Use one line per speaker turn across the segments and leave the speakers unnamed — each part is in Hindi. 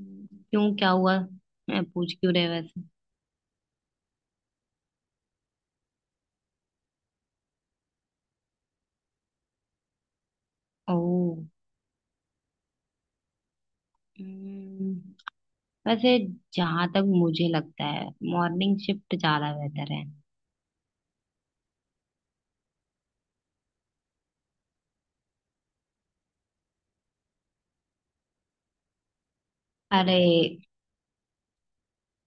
क्यों? क्या हुआ? मैं पूछ क्यों रहे वैसे? ओह। हम्म, वैसे जहां तक मुझे लगता है मॉर्निंग शिफ्ट ज्यादा बेहतर है। अरे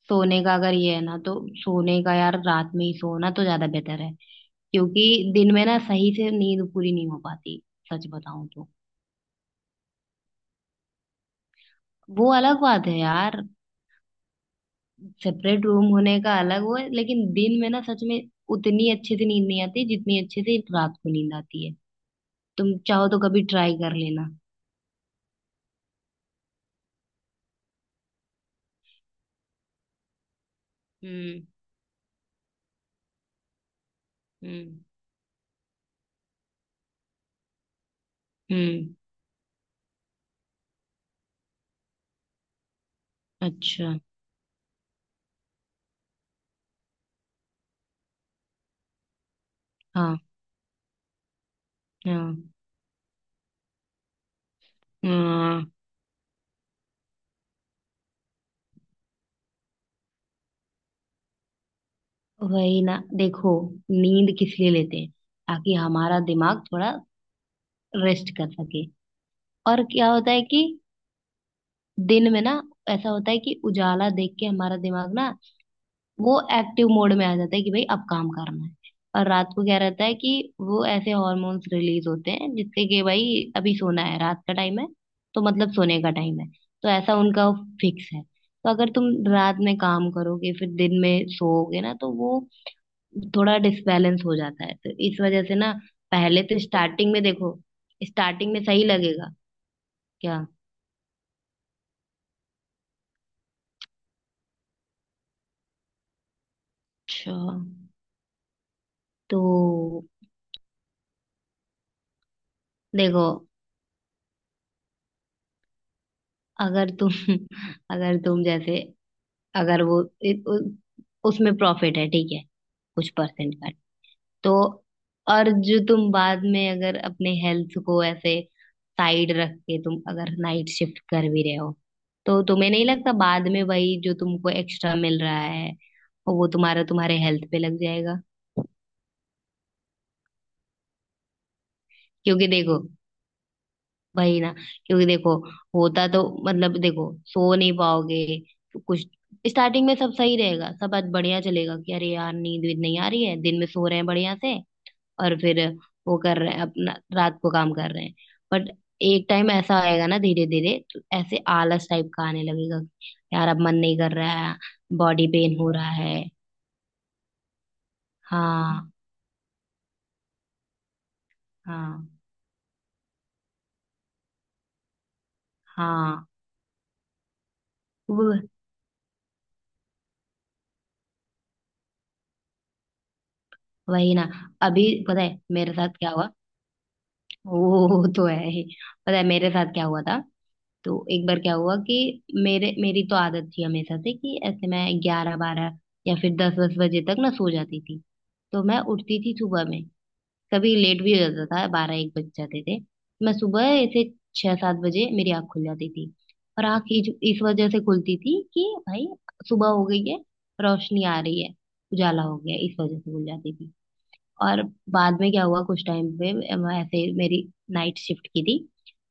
सोने का अगर ये है ना तो सोने का यार रात में ही सोना तो ज्यादा बेहतर है। क्योंकि दिन में ना सही से नींद पूरी नहीं हो पाती, सच बताऊं तो। वो अलग बात है यार। सेपरेट रूम होने का अलग वो है, लेकिन दिन में ना सच में उतनी अच्छे से नींद नहीं आती जितनी अच्छे से रात को नींद आती है। तुम चाहो तो कभी ट्राई कर लेना। हम्म। हम्म। हम्म। अच्छा। हाँ। हाँ। हाँ। वही ना, देखो। नींद किस लिए लेते हैं? ताकि हमारा दिमाग थोड़ा रेस्ट कर सके। और क्या होता है कि दिन में ना, ऐसा होता है कि उजाला देख के हमारा दिमाग ना, वो एक्टिव मोड में आ जाता है कि भाई अब काम करना है। और रात को क्या रहता है कि वो ऐसे हॉर्मोन्स रिलीज होते हैं जिससे कि भाई अभी सोना है, रात का टाइम है, तो मतलब सोने का टाइम है। तो ऐसा उनका फिक्स है। तो अगर तुम रात में काम करोगे फिर दिन में सोओगे ना तो वो थोड़ा डिसबैलेंस हो जाता है। तो इस वजह से ना, पहले तो स्टार्टिंग में देखो, स्टार्टिंग में सही लगेगा। क्या? अच्छा, तो देखो, अगर तुम अगर तुम जैसे, अगर वो उसमें प्रॉफिट है, ठीक है, कुछ परसेंट का, तो और जो तुम बाद में अगर अपने हेल्थ को ऐसे साइड रख के तुम अगर नाइट शिफ्ट कर भी रहे हो, तो तुम्हें नहीं लगता बाद में वही जो तुमको एक्स्ट्रा मिल रहा है वो तुम्हारा तुम्हारे हेल्थ पे लग जाएगा? क्योंकि देखो, वही ना, क्योंकि देखो, होता तो, मतलब देखो, सो नहीं पाओगे तो कुछ, स्टार्टिंग में सब सही रहेगा, सब आज बढ़िया चलेगा कि अरे यार नींद वींद नहीं आ रही है, दिन में सो रहे हैं बढ़िया से, और फिर वो कर रहे हैं अपना, रात को काम कर रहे हैं। बट एक टाइम ऐसा आएगा ना, धीरे धीरे तो ऐसे आलस टाइप का आने लगेगा कि यार अब मन नहीं कर रहा है, बॉडी पेन हो रहा है। हाँ। हाँ। हाँ। वो- वही ना। अभी पता है मेरे साथ क्या हुआ? वो तो है ही। पता है मेरे साथ क्या हुआ था? तो एक बार क्या हुआ कि मेरे मेरी तो आदत थी हमेशा से कि ऐसे मैं 11 12 या फिर 10 10 बजे तक ना सो जाती थी। तो मैं उठती थी सुबह में। कभी लेट भी हो जाता था, 12 1 बज जाते थे। मैं सुबह ऐसे 6 7 बजे मेरी आँख खुल जाती थी। और आँख इस वजह से खुलती थी कि भाई सुबह हो गई है, रोशनी आ रही है, उजाला हो गया है, इस वजह से खुल जाती थी। और बाद में क्या हुआ, कुछ टाइम पे ऐसे मेरी नाइट शिफ्ट की थी।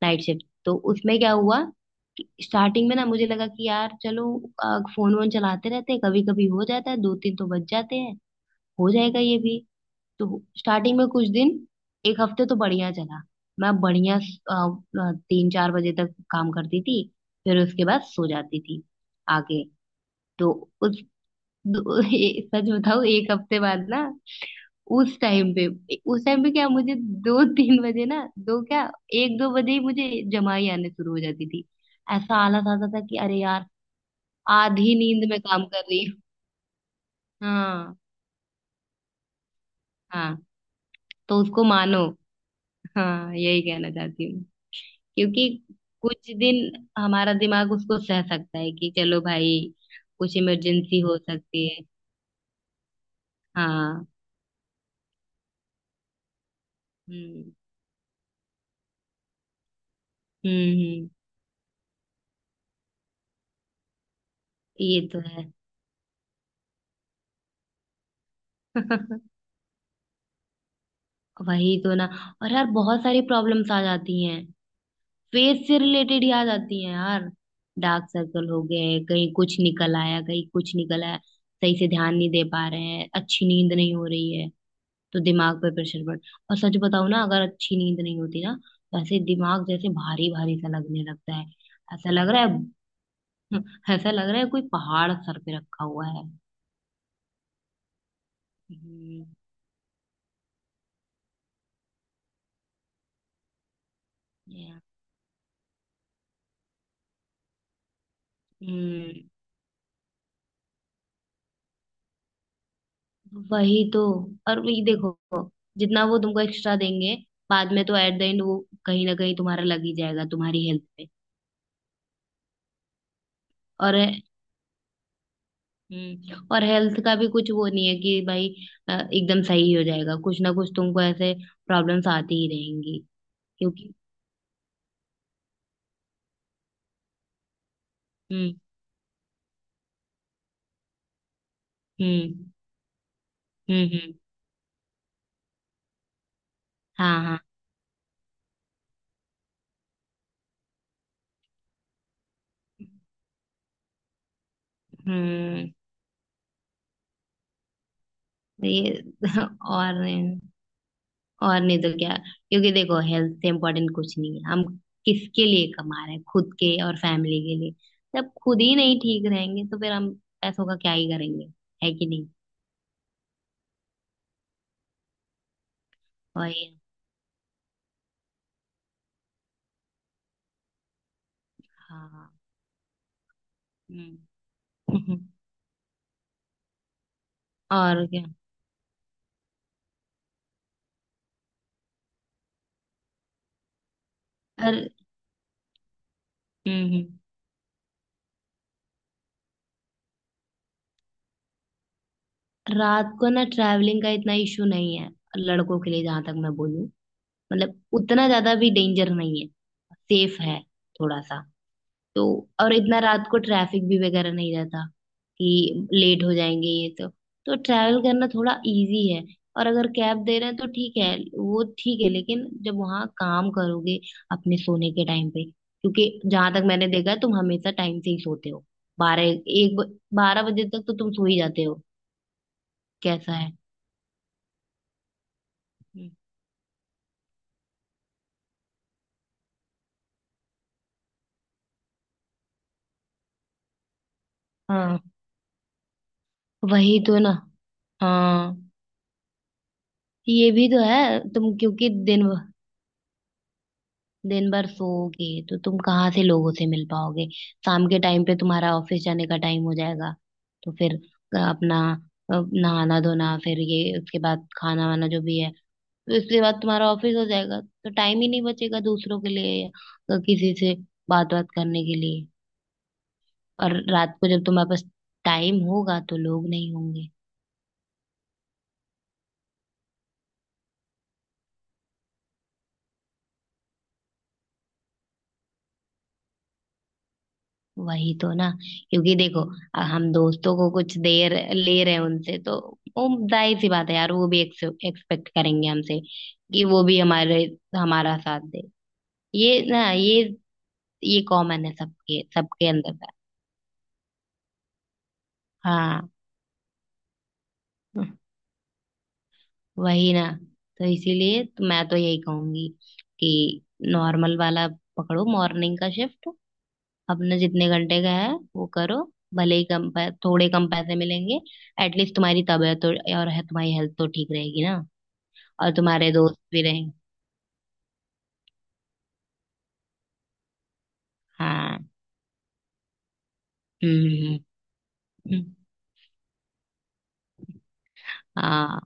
नाइट शिफ्ट तो उसमें क्या हुआ कि स्टार्टिंग में ना मुझे लगा कि यार चलो, फोन वोन चलाते रहते हैं कभी कभी, हो जाता है, 2 3 तो बज जाते हैं, हो जाएगा ये भी। तो स्टार्टिंग में कुछ दिन, 1 हफ्ते तो बढ़िया चला। मैं बढ़िया 3 4 बजे तक काम करती थी, फिर उसके बाद सो जाती थी। आगे तो उस, सच बताऊँ, 1 हफ्ते बाद ना, उस टाइम पे, उस टाइम पे क्या, मुझे 2 3 बजे ना, दो क्या, 1 2 बजे ही मुझे जमाई आने शुरू हो जाती थी। ऐसा आलस आता था कि अरे यार, आधी नींद में काम कर रही हूँ। हाँ। हाँ। तो उसको मानो। हाँ, यही कहना चाहती हूँ। क्योंकि कुछ दिन हमारा दिमाग उसको सह सकता है कि चलो भाई, कुछ इमरजेंसी हो सकती है। हाँ। हम्म। हम्म। हम्म। ये तो है। वही तो ना। और यार बहुत सारी प्रॉब्लम्स आ जाती हैं, फेस से रिलेटेड ही आ जाती हैं यार। डार्क सर्कल हो गए, कहीं कुछ निकल आया, कहीं कुछ निकल आया। सही से ध्यान नहीं दे पा रहे हैं, अच्छी नींद नहीं हो रही है, तो दिमाग पे प्रेशर बढ़। और सच बताओ ना, अगर अच्छी नींद नहीं होती ना तो ऐसे दिमाग जैसे भारी भारी सा लगने लगता है। ऐसा लग रहा है ऐसा लग रहा है कोई पहाड़ सर पे रखा हुआ है। हम्म। Yeah. हम्म, वही तो। और वही देखो, जितना वो तुमको एक्स्ट्रा देंगे, बाद में तो एट द एंड वो कहीं ना कहीं तुम्हारा लग ही जाएगा, तुम्हारी हेल्थ पे। और और हेल्थ का भी कुछ वो नहीं है कि भाई एकदम सही हो जाएगा, कुछ ना कुछ तुमको ऐसे प्रॉब्लम्स आती ही रहेंगी। क्योंकि हम्म। हम्म। हम्म। हम्म। हाँ। हाँ। हम्म। ये और नहीं- और नहीं तो क्या, क्योंकि देखो हेल्थ से इम्पोर्टेंट कुछ नहीं है। हम किसके लिए कमा रहे हैं? खुद के और फैमिली के लिए। जब खुद ही नहीं ठीक रहेंगे तो फिर हम पैसों का क्या ही करेंगे? है कि नहीं? और ये हाँ। हम्म। और क्या। और हम्म, रात को ना ट्रैवलिंग का इतना इशू नहीं है लड़कों के लिए, जहां तक मैं बोलूं। मतलब उतना ज्यादा भी डेंजर नहीं है, सेफ है थोड़ा सा। तो और इतना रात को ट्रैफिक भी वगैरह नहीं रहता कि लेट हो जाएंगे ये तो ट्रैवल करना थोड़ा इजी है। और अगर कैब दे रहे हैं तो ठीक है, वो ठीक है, लेकिन जब वहाँ काम करोगे अपने सोने के टाइम पे, क्योंकि जहां तक मैंने देखा है तुम हमेशा टाइम से ही सोते हो। 12 1 12 बजे तक तो तुम सो ही जाते हो। कैसा है? हम्म। हाँ, वही तो ना। हाँ, ये भी तो है। तुम क्योंकि दिन, दिन भर सोओगे तो तुम कहाँ से लोगों से मिल पाओगे? शाम के टाइम पे तुम्हारा ऑफिस जाने का टाइम हो जाएगा, तो फिर अपना नहाना धोना, फिर ये, उसके बाद खाना वाना जो भी है, तो इसके बाद तुम्हारा ऑफिस हो जाएगा, तो टाइम ही नहीं बचेगा दूसरों के लिए या किसी से बात बात करने के लिए। और रात को जब तुम्हारे पास टाइम होगा तो लोग नहीं होंगे। वही तो ना। क्योंकि देखो हम दोस्तों को कुछ देर ले रहे हैं उनसे, तो वो जाहिर सी बात है यार, वो भी एक्सपेक्ट करेंगे हमसे कि वो भी हमारे, हमारा साथ दे। ये ना ये कॉमन है सबके सबके अंदर का। हाँ, वही ना। तो इसीलिए तो मैं तो यही कहूंगी कि नॉर्मल वाला पकड़ो, मॉर्निंग का शिफ्ट, अपने जितने घंटे का है वो करो, भले ही थोड़े कम पैसे मिलेंगे, एटलीस्ट तुम्हारी तबीयत तो, और है तुम्हारी हेल्थ तो ठीक रहेगी ना, और तुम्हारे दोस्त भी रहेंगे। हाँ। हम्म। हम्म। हम्म। हम्म। हाँ,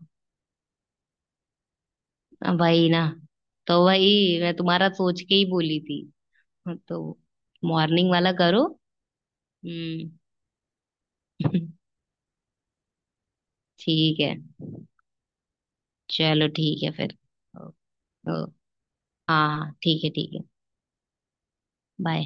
वही ना। तो वही मैं तुम्हारा सोच के ही बोली थी। हाँ, तो मॉर्निंग वाला करो। हम्म। ठीक है। चलो, ठीक है फिर। ओ, ओ, हाँ हाँ, ठीक है ठीक है। बाय।